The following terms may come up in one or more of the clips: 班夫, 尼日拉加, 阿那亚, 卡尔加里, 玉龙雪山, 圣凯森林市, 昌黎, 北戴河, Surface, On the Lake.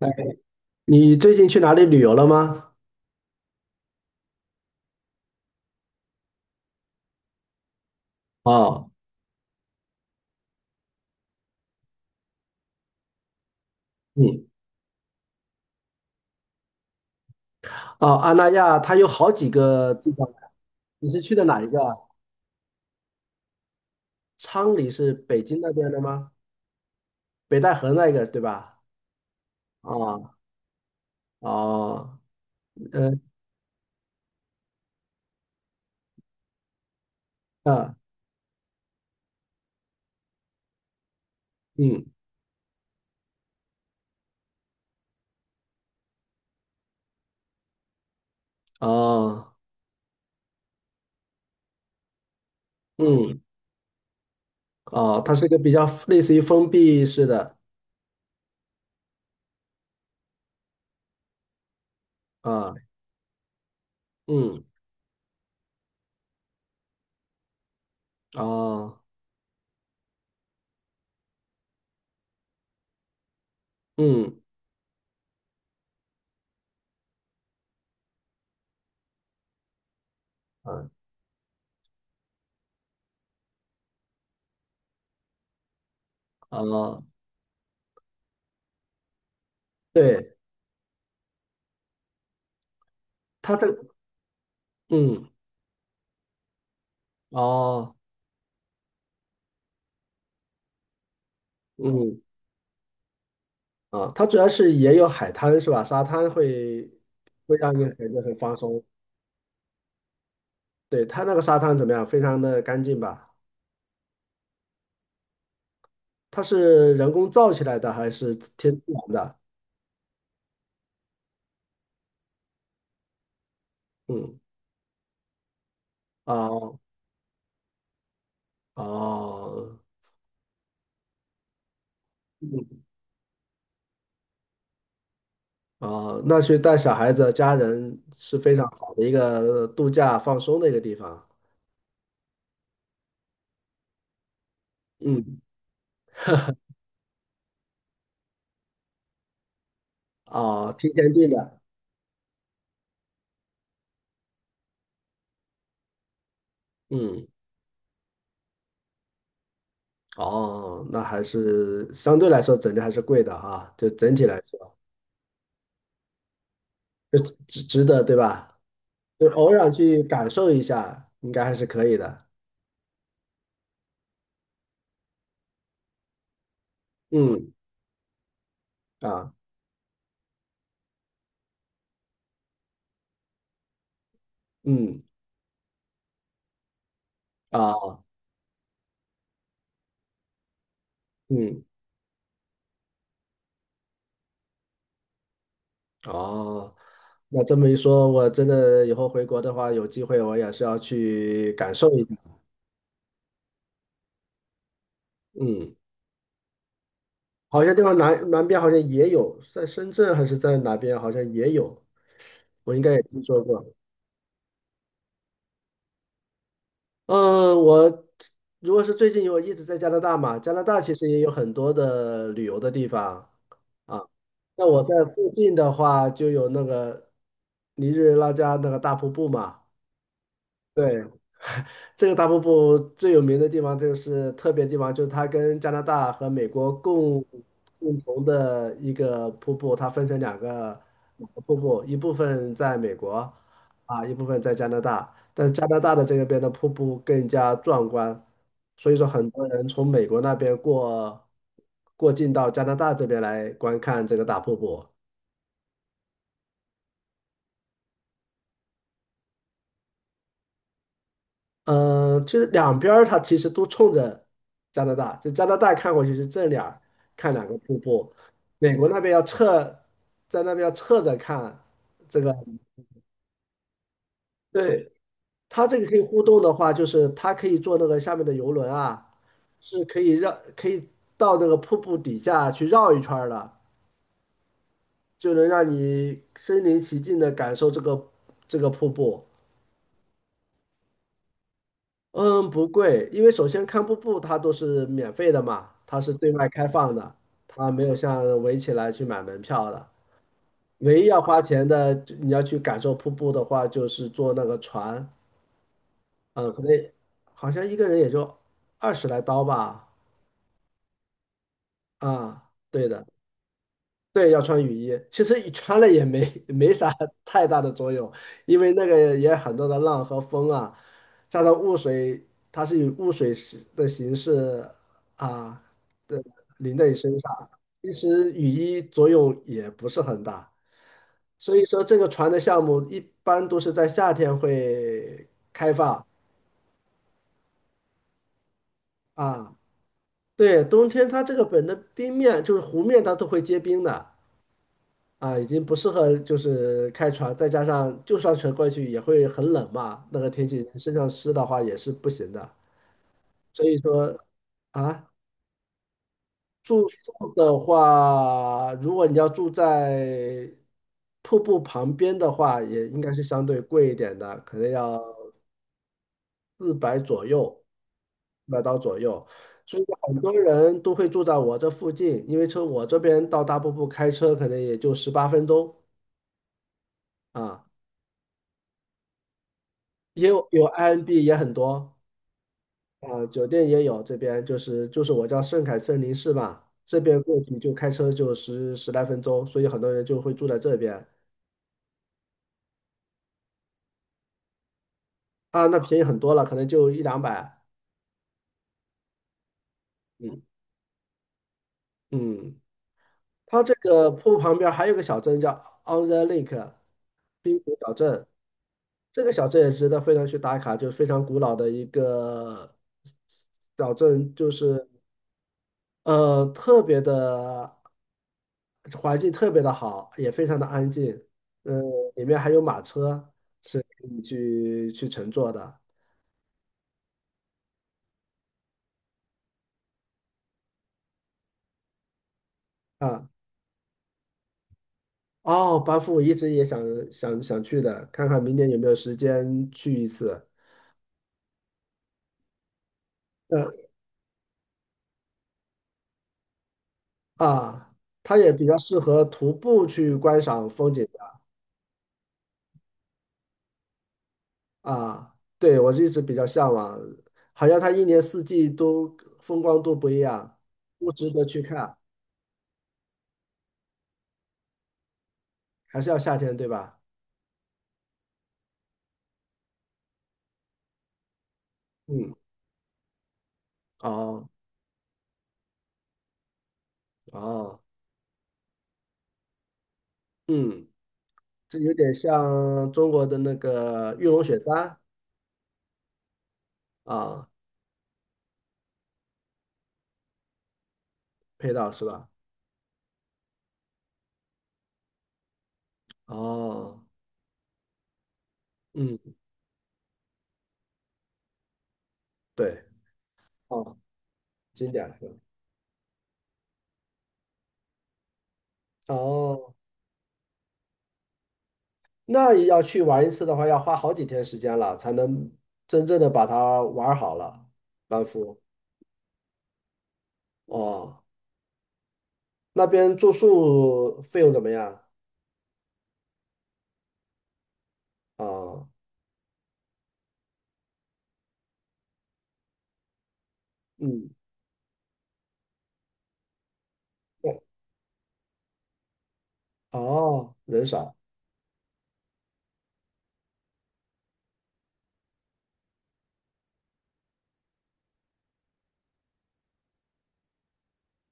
哎，你最近去哪里旅游了吗？哦，嗯，哦，阿那亚它有好几个地方，你是去的哪一个啊昌黎是北京那边的吗？北戴河那个对吧？哦，哦，呃，啊，嗯，哦，嗯，哦，它是一个比较类似于封闭式的啊，嗯，哦，嗯，啊，哦，对，它这，嗯，哦，嗯，啊，它主要是也有海滩是吧？沙滩会让你感觉很放松。对，它那个沙滩怎么样？非常的干净吧？它是人工造起来的还是天自然的？嗯，哦，哦，嗯，哦，那去带小孩子、家人是非常好的一个度假放松的一个地方。嗯，哦，提前订的。嗯，哦，那还是相对来说整体还是贵的哈，就整体来说就值得对吧？就偶尔去感受一下，应该还是可以的。嗯，啊，嗯，啊，嗯，哦，那这么一说，我真的以后回国的话，有机会我也是要去感受一下。嗯，好像地方南边好像也有，在深圳还是在哪边，好像也有，我应该也听说过。嗯，我如果是最近我一直在加拿大嘛，加拿大其实也有很多的旅游的地方。啊，那我在附近的话，就有那个尼日拉加那个大瀑布嘛。对，这个大瀑布最有名的地方就是特别地方，就是它跟加拿大和美国共同的一个瀑布，它分成两个瀑布，一部分在美国啊，一部分在加拿大。但是加拿大的这个边的瀑布更加壮观，所以说很多人从美国那边过境到加拿大这边来观看这个大瀑布。嗯，就是两边儿它其实都冲着加拿大，就加拿大看过去是正脸儿看两个瀑布，美国那边要侧，在那边要侧着看这个。对，它这个可以互动的话，就是它可以坐那个下面的游轮啊，可以到那个瀑布底下去绕一圈儿的，就能让你身临其境的感受这个瀑布。嗯，不贵，因为首先看瀑布它都是免费的嘛，它是对外开放的，它没有像围起来去买门票的。唯一要花钱的，就你要去感受瀑布的话，就是坐那个船，嗯，可能好像一个人也就20来刀吧。啊，对的。对，要穿雨衣。其实你穿了也没 没啥太大的作用，因为那个也很多的浪和风啊，加上雾水，它是以雾水是的形式啊的淋在你身上。其实雨衣作用也不是很大，所以说这个船的项目一般都是在夏天会开放啊。对，冬天它这个本的冰面就是湖面，它都会结冰的。啊，已经不适合就是开船，再加上就算船过去也会很冷嘛，那个天气身上湿的话也是不行的。所以说啊，住宿的话，如果你要住在瀑布旁边的话，也应该是相对贵一点的，可能要400左右，400刀左右。所以很多人都会住在我这附近，因为从我这边到大瀑布开车可能也就18分钟啊。也有 INB 也很多啊，酒店也有，这边就是我叫圣凯森林市吧，这边过去就开车就十来分钟，所以很多人就会住在这边啊，那便宜很多了，可能就一两百。嗯，嗯，它这个瀑布旁边还有个小镇叫 On the Lake 滨湖小镇，这个小镇也值得非常去打卡，就是非常古老的一个小镇，就是。特别的环境特别的好，也非常的安静。嗯，里面还有马车是可以去乘坐的啊。哦，班夫我一直也想去的，看看明年有没有时间去一次。嗯，啊，它也比较适合徒步去观赏风景的啊。对，我一直比较向往，好像它一年四季都风光都不一样，不值得去看，还是要夏天，对吧？嗯。哦，哦，嗯，这有点像中国的那个玉龙雪山啊，配套是吧？哦，嗯，对，哦，经典是吧？哦，那要去玩一次的话，要花好几天时间了，才能真正的把它玩好了，班夫。哦，那边住宿费用怎么样？哦，嗯，对，哦，人少。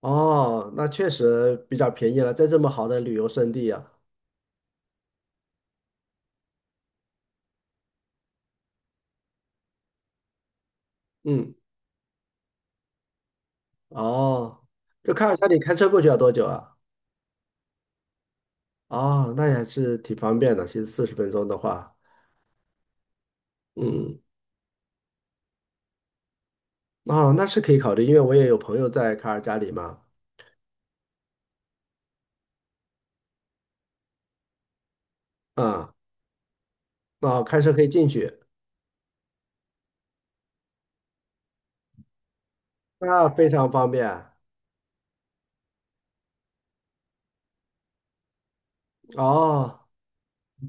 哦，那确实比较便宜了，在这么好的旅游胜地啊。嗯。哦，就卡尔加里开车过去要多久啊？哦，那也还是挺方便的。其实40分钟的话，嗯，哦，那是可以考虑，因为我也有朋友在卡尔加里嘛，啊、那开车可以进去，那非常方便。哦，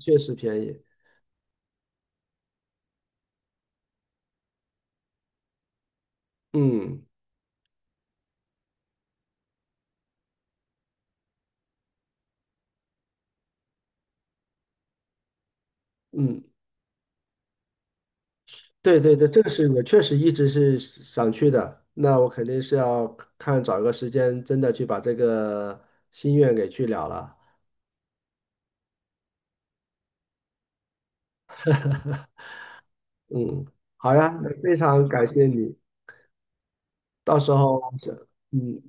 确实便宜。嗯，嗯，对，对，对，这个是我确实一直是想去的。那我肯定是要看找个时间，真的去把这个心愿给去了了。嗯，好呀，那非常感谢你。到时候是，嗯，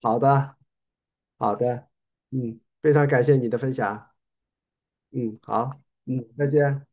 好的，好的，嗯，非常感谢你的分享，嗯，好，嗯，再见。